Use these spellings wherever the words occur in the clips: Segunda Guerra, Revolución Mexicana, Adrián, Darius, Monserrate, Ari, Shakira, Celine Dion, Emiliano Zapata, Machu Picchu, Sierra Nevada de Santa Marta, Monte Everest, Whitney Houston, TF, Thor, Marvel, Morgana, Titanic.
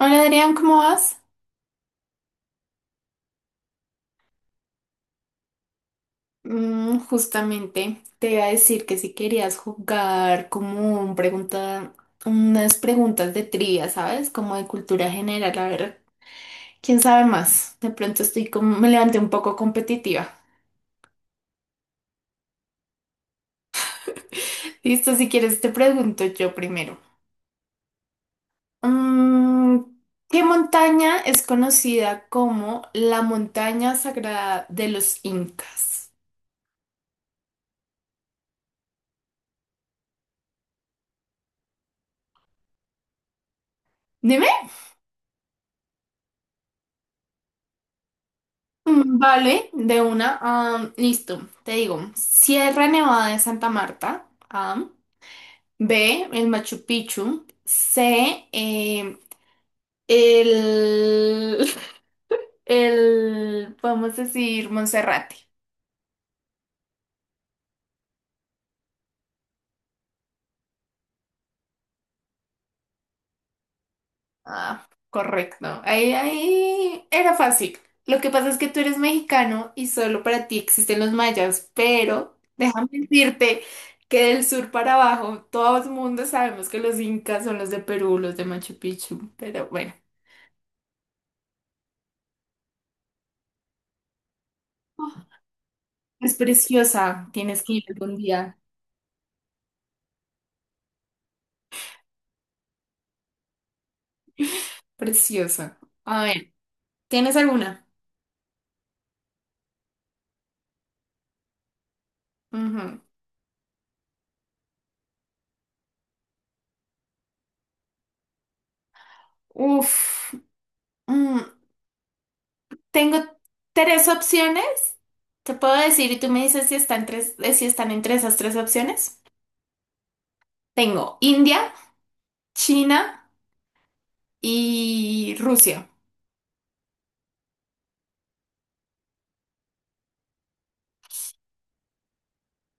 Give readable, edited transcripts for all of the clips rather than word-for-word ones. Hola Adrián, ¿cómo vas? Justamente te iba a decir que si querías jugar como unas preguntas de trivia, ¿sabes? Como de cultura general, a ver, quién sabe más. De pronto estoy como, me levanté un poco competitiva. Listo, si quieres te pregunto yo primero. Mm, ¿Qué montaña es conocida como la montaña sagrada de los incas? Dime. Vale, de una. Listo, te digo. Sierra Nevada de Santa Marta. A. B. El Machu Picchu. C. El, podemos decir, Monserrate. Ah, correcto. Ahí era fácil. Lo que pasa es que tú eres mexicano y solo para ti existen los mayas, pero déjame decirte que del sur para abajo todo el mundo sabemos que los incas son los de Perú, los de Machu Picchu, pero bueno, es preciosa. Tienes que ir algún día. Preciosa. A ver, ¿tienes alguna? Ujú. Uf, mm, tengo tres opciones. Te puedo decir y tú me dices si están entre esas tres opciones. Tengo India, China y Rusia.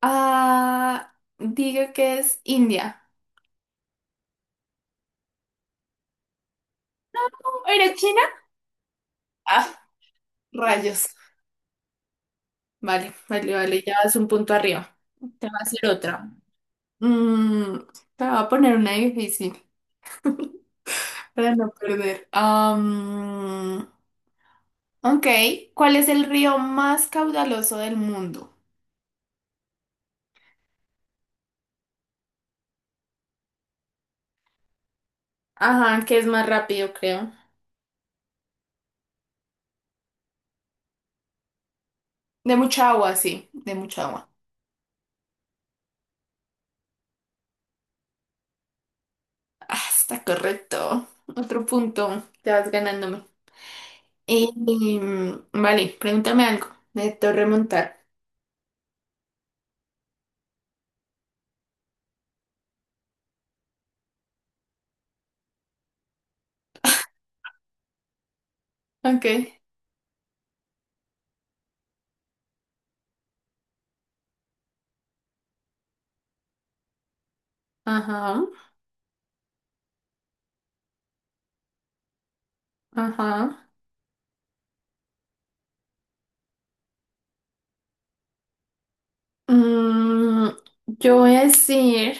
Ah, diga que es India. ¿Era China? Ah, rayos. Vale, vale, vale, ya vas un punto arriba. Te va a hacer otra. Mm, Te voy a poner una difícil para no perder. Ok, ¿cuál es el río más caudaloso del mundo? Ajá, que es más rápido, creo. De mucha agua, sí, de mucha agua. Ah, está correcto. Otro punto. Te vas ganándome. Vale, pregúntame algo. Necesito remontar. Ok. Ajá. Ajá. Mm, yo voy a decir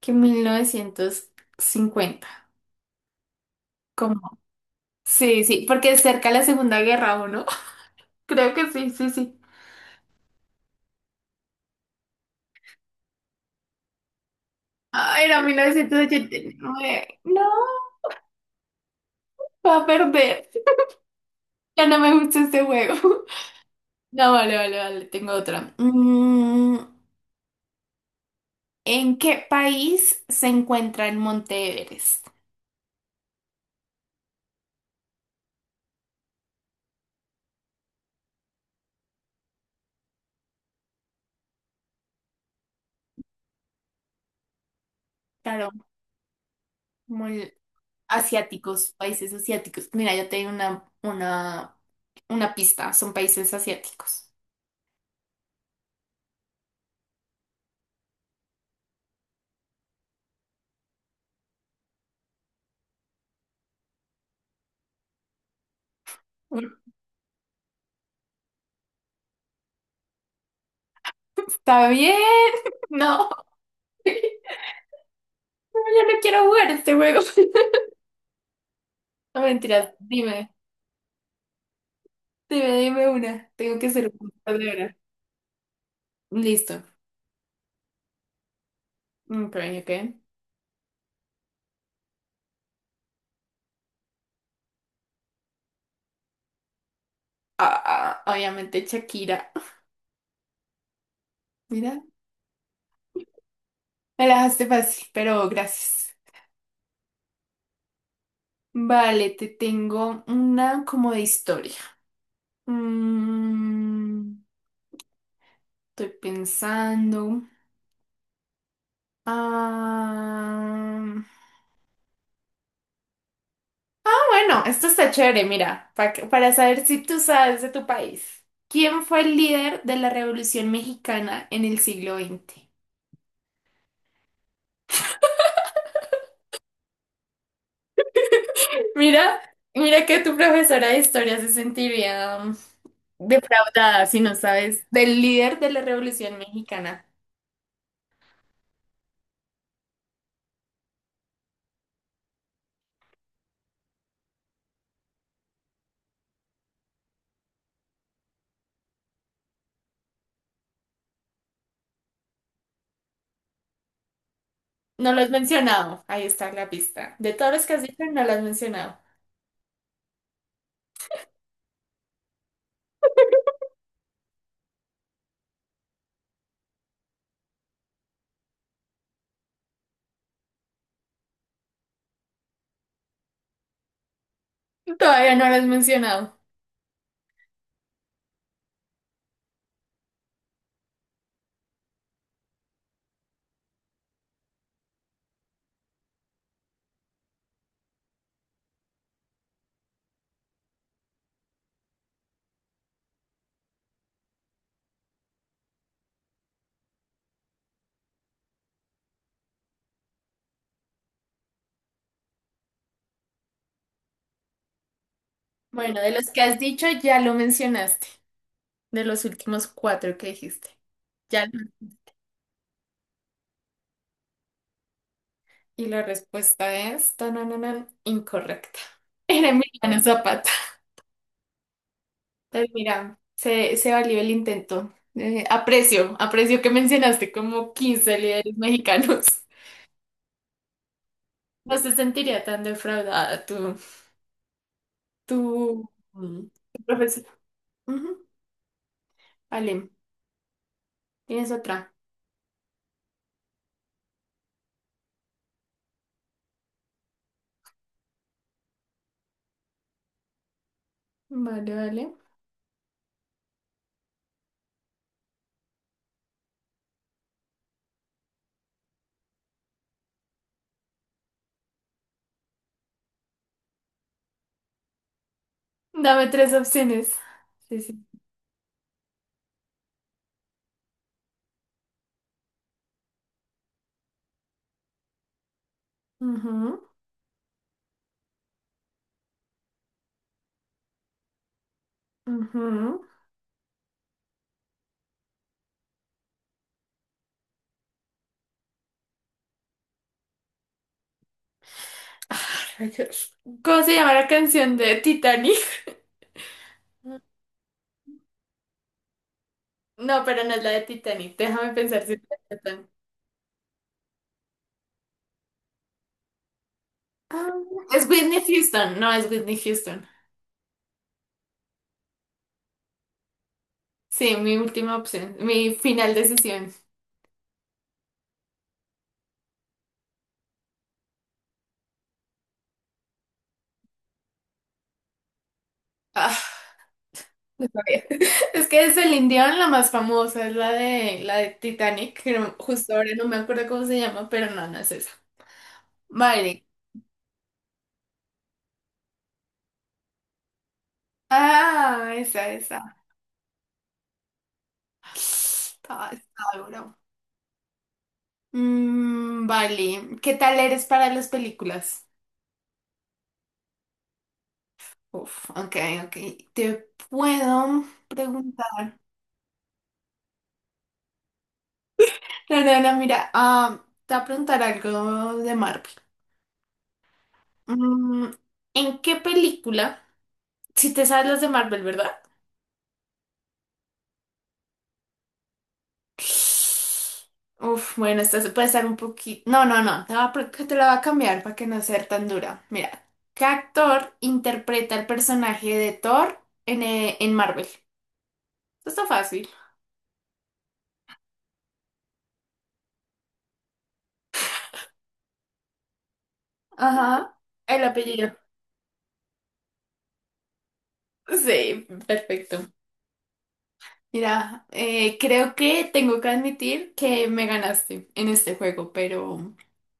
que 1950. ¿Cómo? Sí, sí, porque es cerca de la Segunda Guerra, ¿o no? Creo que sí, sí, sí. Ah, era 1989. No, va a perder. Ya no me gusta este juego. No, vale, vale, vale. Tengo otra. ¿En qué país se encuentra el Monte Everest? Claro, muy asiáticos, países asiáticos. Mira, yo tengo una pista, son países asiáticos. Está bien, no, no, yo no quiero jugar este juego. No, mentiras, dime, dime, dime una. Tengo que ser un ahora. Listo. Ok, ok. Ah, ah, obviamente Shakira. Mira, me la dejaste fácil, pero gracias. Vale, te tengo una como de historia. Mm, Estoy pensando. Ah, ah, bueno, esto está chévere, mira, pa para saber si tú sabes de tu país. ¿Quién fue el líder de la Revolución Mexicana en el siglo XX? Mira, mira que tu profesora de historia se sentiría defraudada si no sabes del líder de la Revolución Mexicana. No lo has mencionado. Ahí está la pista. De todos los que has dicho, no lo has mencionado. Todavía no lo has mencionado. Bueno, de los que has dicho, ya lo mencionaste. De los últimos cuatro que dijiste. Ya. Y la respuesta es tanananan, incorrecta. Era Emiliano Zapata. Entonces, mira, se valió el intento. Aprecio, aprecio que mencionaste como 15 líderes mexicanos. No se sentiría tan defraudada tu, mm, tu profesor. Ujú, vale. Tienes otra. Vale, vale. Dame tres opciones. Sí, sí. Ujú, ujú. Ah, rayos. ¿Cómo se llama la canción de Titanic? No, pero no es la de Titanic. Déjame pensar si es la de Titanic. Ah, es Whitney Houston. No, es Whitney Houston. Sí, mi última opción. Mi final decisión. Ah, no sabía. Es que es el Dion la más famosa, es la de Titanic, que no- justo ahora no me acuerdo cómo se llama, pero no, no es esa. Vale. Ah, esa, esa. Estaba duro. Vale. ¿Qué tal eres para las películas? Uf, ok, ok. Te puedo preguntar. No, no, no, mira, te voy a preguntar algo de Marvel. Mm, ¿En qué película? Si te sabes las de Marvel, ¿verdad? Uf, bueno, esta se puede estar un poquito. No, no, no. Te la voy a cambiar para que no sea tan dura. Mira, ¿qué actor interpreta el personaje de Thor en Marvel? Esto está fácil. Ajá. El apellido. Sí, perfecto. Mira, creo que tengo que admitir que me ganaste en este juego, pero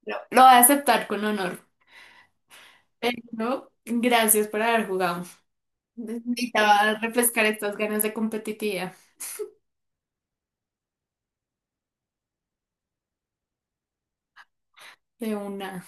lo voy a aceptar con honor. Pero gracias por haber jugado. Necesitaba refrescar estas ganas de competitividad. De una.